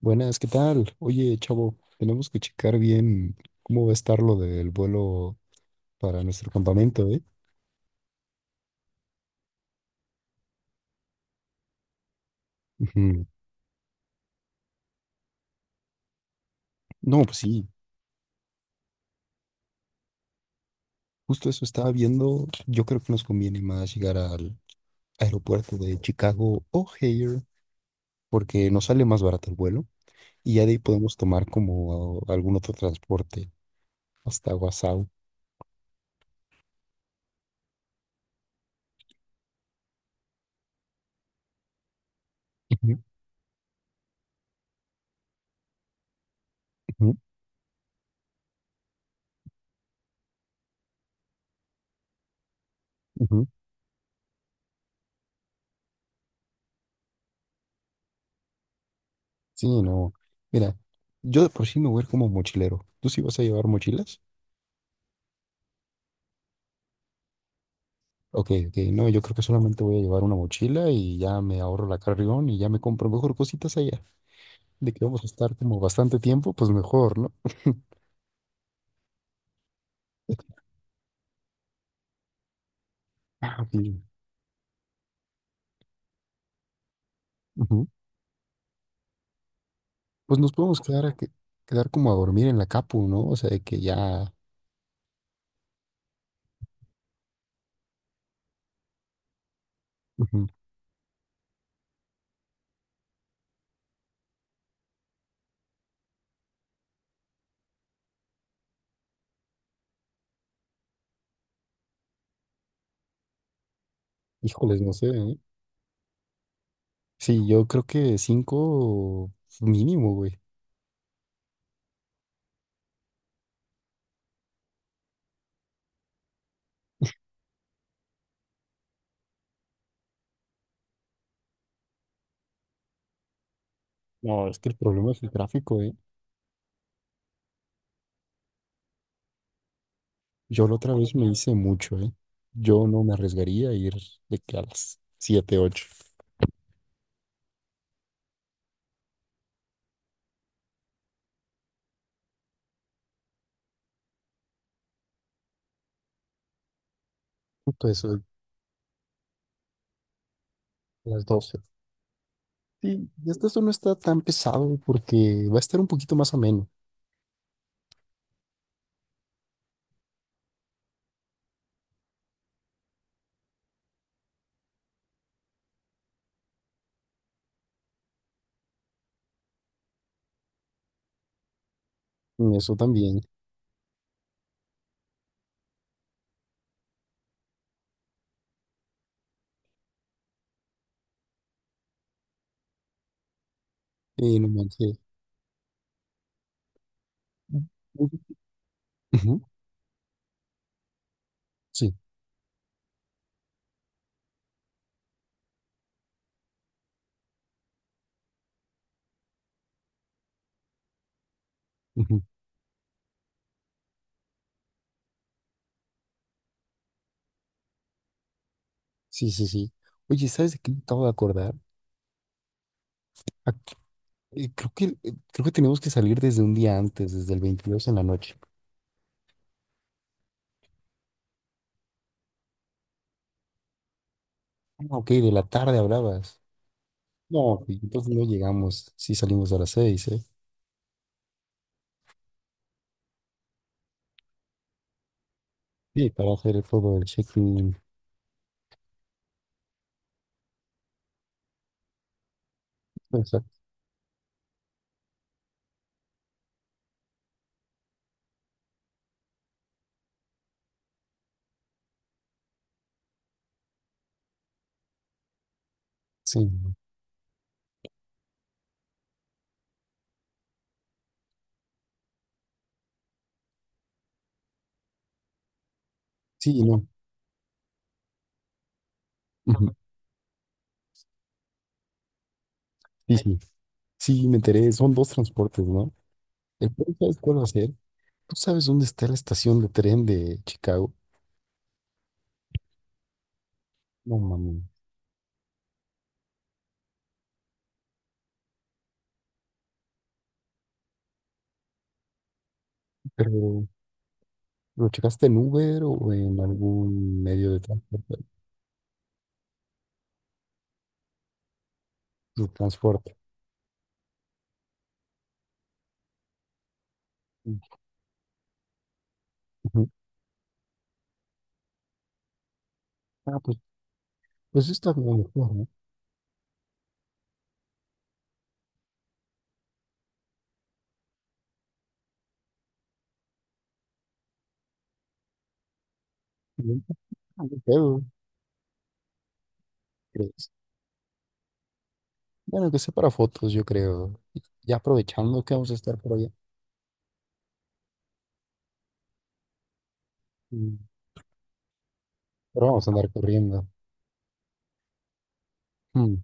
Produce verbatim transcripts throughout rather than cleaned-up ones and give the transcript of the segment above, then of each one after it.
Buenas, ¿qué tal? Oye, chavo, tenemos que checar bien cómo va a estar lo del vuelo para nuestro campamento, ¿eh? Ujú. No, pues sí, justo eso estaba viendo. Yo creo que nos conviene más llegar al aeropuerto de Chicago O'Hare porque nos sale más barato el vuelo y ya de ahí podemos tomar como a- algún otro transporte hasta Guasave. Ujú, ujú, ujú. Sí, no. Mira, yo de por sí me voy a ir como mochilero. ¿Tú sí vas a llevar mochilas? Ok, ok, no, yo creo que solamente voy a llevar una mochila y ya me ahorro la carrión y ya me compro mejor cositas allá. De que vamos a estar como bastante tiempo, pues mejor, ¿no? Ah, ok. Ujú. Pues nos podemos quedar, a que- quedar como a dormir en la capu, ¿no? O sea, de que ya, ujú. Híjoles, no sé, ¿eh? Sí, yo creo que cinco mínimo, güey. No, es que el problema es el tráfico, ¿eh? Yo la otra vez me hice mucho, ¿eh? Yo no me arriesgaría a ir de que a las siete, ocho. Justo eso, a las doce. Sí, y esto no está tan pesado porque va a estar un poquito más ameno. Y eso también. Eh, no manches. Ujú. Sí, ujú, sí, sí, sí. Oye, ¿sabes de qué me acabo de acordar? Ac- eh, creo que, eh, creo que tenemos que salir desde un día antes, desde el veintidós en la noche. Ah, ok, de la tarde hablabas. No, sí, entonces no llegamos. Sí, salimos a las seis. ¿Eh? Sí, para hacer todo el check-in. Exacto. Sí, sí, no. Ujú. Sí, sí. Sí, me enteré. Son dos transportes, ¿no? El primero, ¿sabes cuál va a ser? ¿Tú sabes dónde está la estación de tren de Chicago? No, mami. Pero, ¿lo checaste en Uber o en algún medio de transporte? De transporte. Ujú. Ah, pues, pues está como mejor, ¿no? Bien, ah, no creo, ¿crees? Bueno, que sea para fotos, yo creo. Y ya aprovechando que vamos a estar por allá. Mm. Pero vamos a andar corriendo. Mm.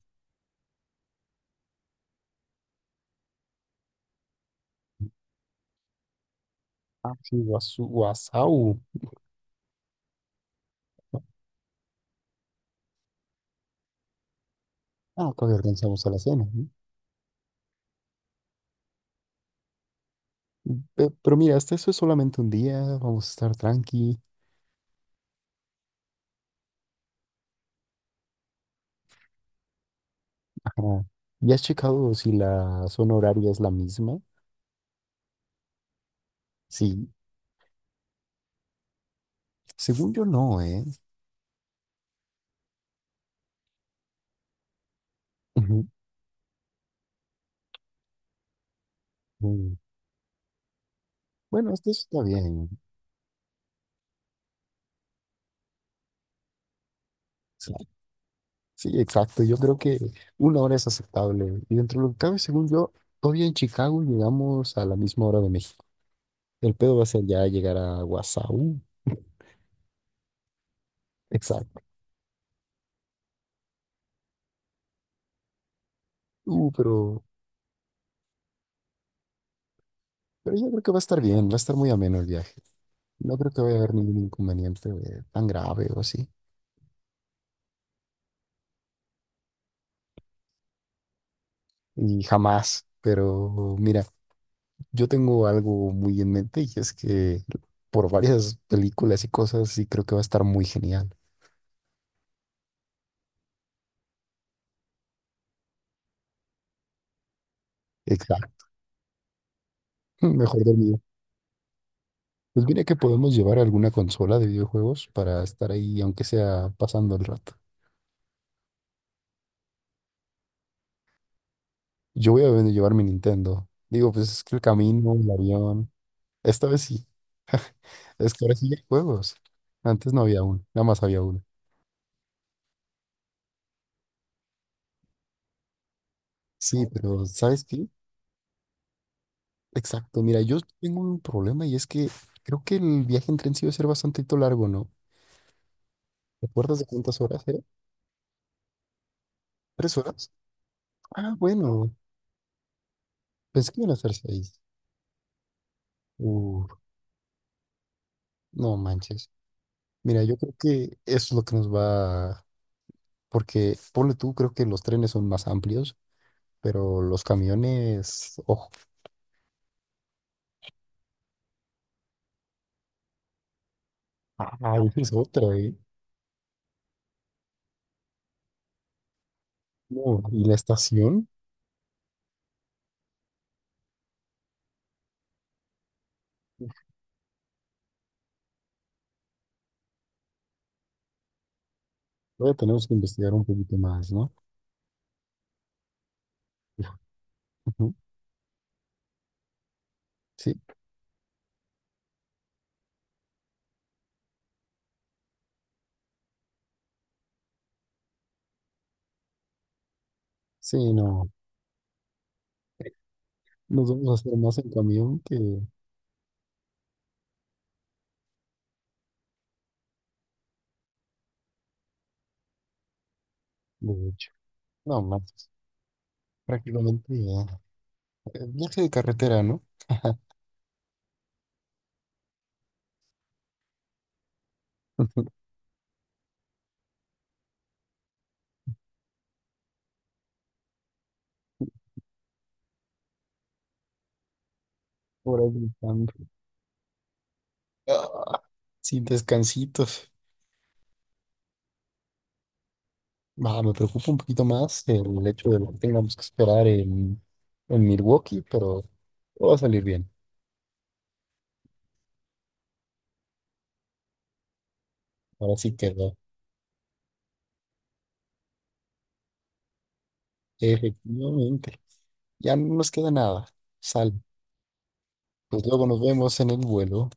Ah, sí, guasu- guasau. Ah, todavía alcanzamos a la cena, ¿no? Pe- Pero, mira, hasta eso es solamente un día. Vamos a estar tranqui. Ah, ¿ya has checado si la zona horaria es la misma? Sí, según yo no, ¿eh? Ujú. Mm. Bueno, esto sí está bien. Sí, sí, exacto. Yo creo que una hora es aceptable. Y dentro de lo que cabe, según yo, todavía en Chicago llegamos a la misma hora de México. El pedo va a ser ya llegar a Guasau. Exacto. Uh, pero, pero yo creo que va a estar bien, va a estar muy ameno el viaje. No creo que vaya a haber ningún inconveniente, eh, tan grave o así. Y jamás. Pero mira. Yo tengo algo muy en mente y es que por varias películas y cosas sí creo que va a estar muy genial. Exacto. Mejor dormido. Pues mira que podemos llevar alguna consola de videojuegos para estar ahí, aunque sea pasando el rato. Yo voy a ven- llevar mi Nintendo. Digo, pues es que el camino, el avión. Esta vez sí. Es que ahora sí hay juegos. Antes no había uno, nada más había uno. Sí, pero ¿sabes qué? Exacto. Mira, yo tengo un problema y es que creo que el viaje en tren sí va a ser bastante largo, ¿no? ¿Te acuerdas de cuántas horas era? ¿Tres horas? Ah, bueno, pensé que iban a ser seis. Uh, no manches. Mira, yo creo que eso es lo que nos va, porque ponle tú, creo que los trenes son más amplios, pero los camiones, ojo, ah, esa es otra, ¿eh? No, y la estación, todavía tenemos que investigar un poquito más, ¿no? Sí, sí, no, nos vamos a hacer más en camión que de hecho. No manches, prácticamente eh, eh, viaje de carretera, ¿no? Por ahí están. Ah, sin descansitos. Ah, me preocupa un poquito más el hecho de lo que tengamos que esperar en, en Milwaukee, pero todo va a salir bien. Ahora sí quedó. Efectivamente. Ya no nos queda nada. Sal. Pues luego nos vemos en el vuelo.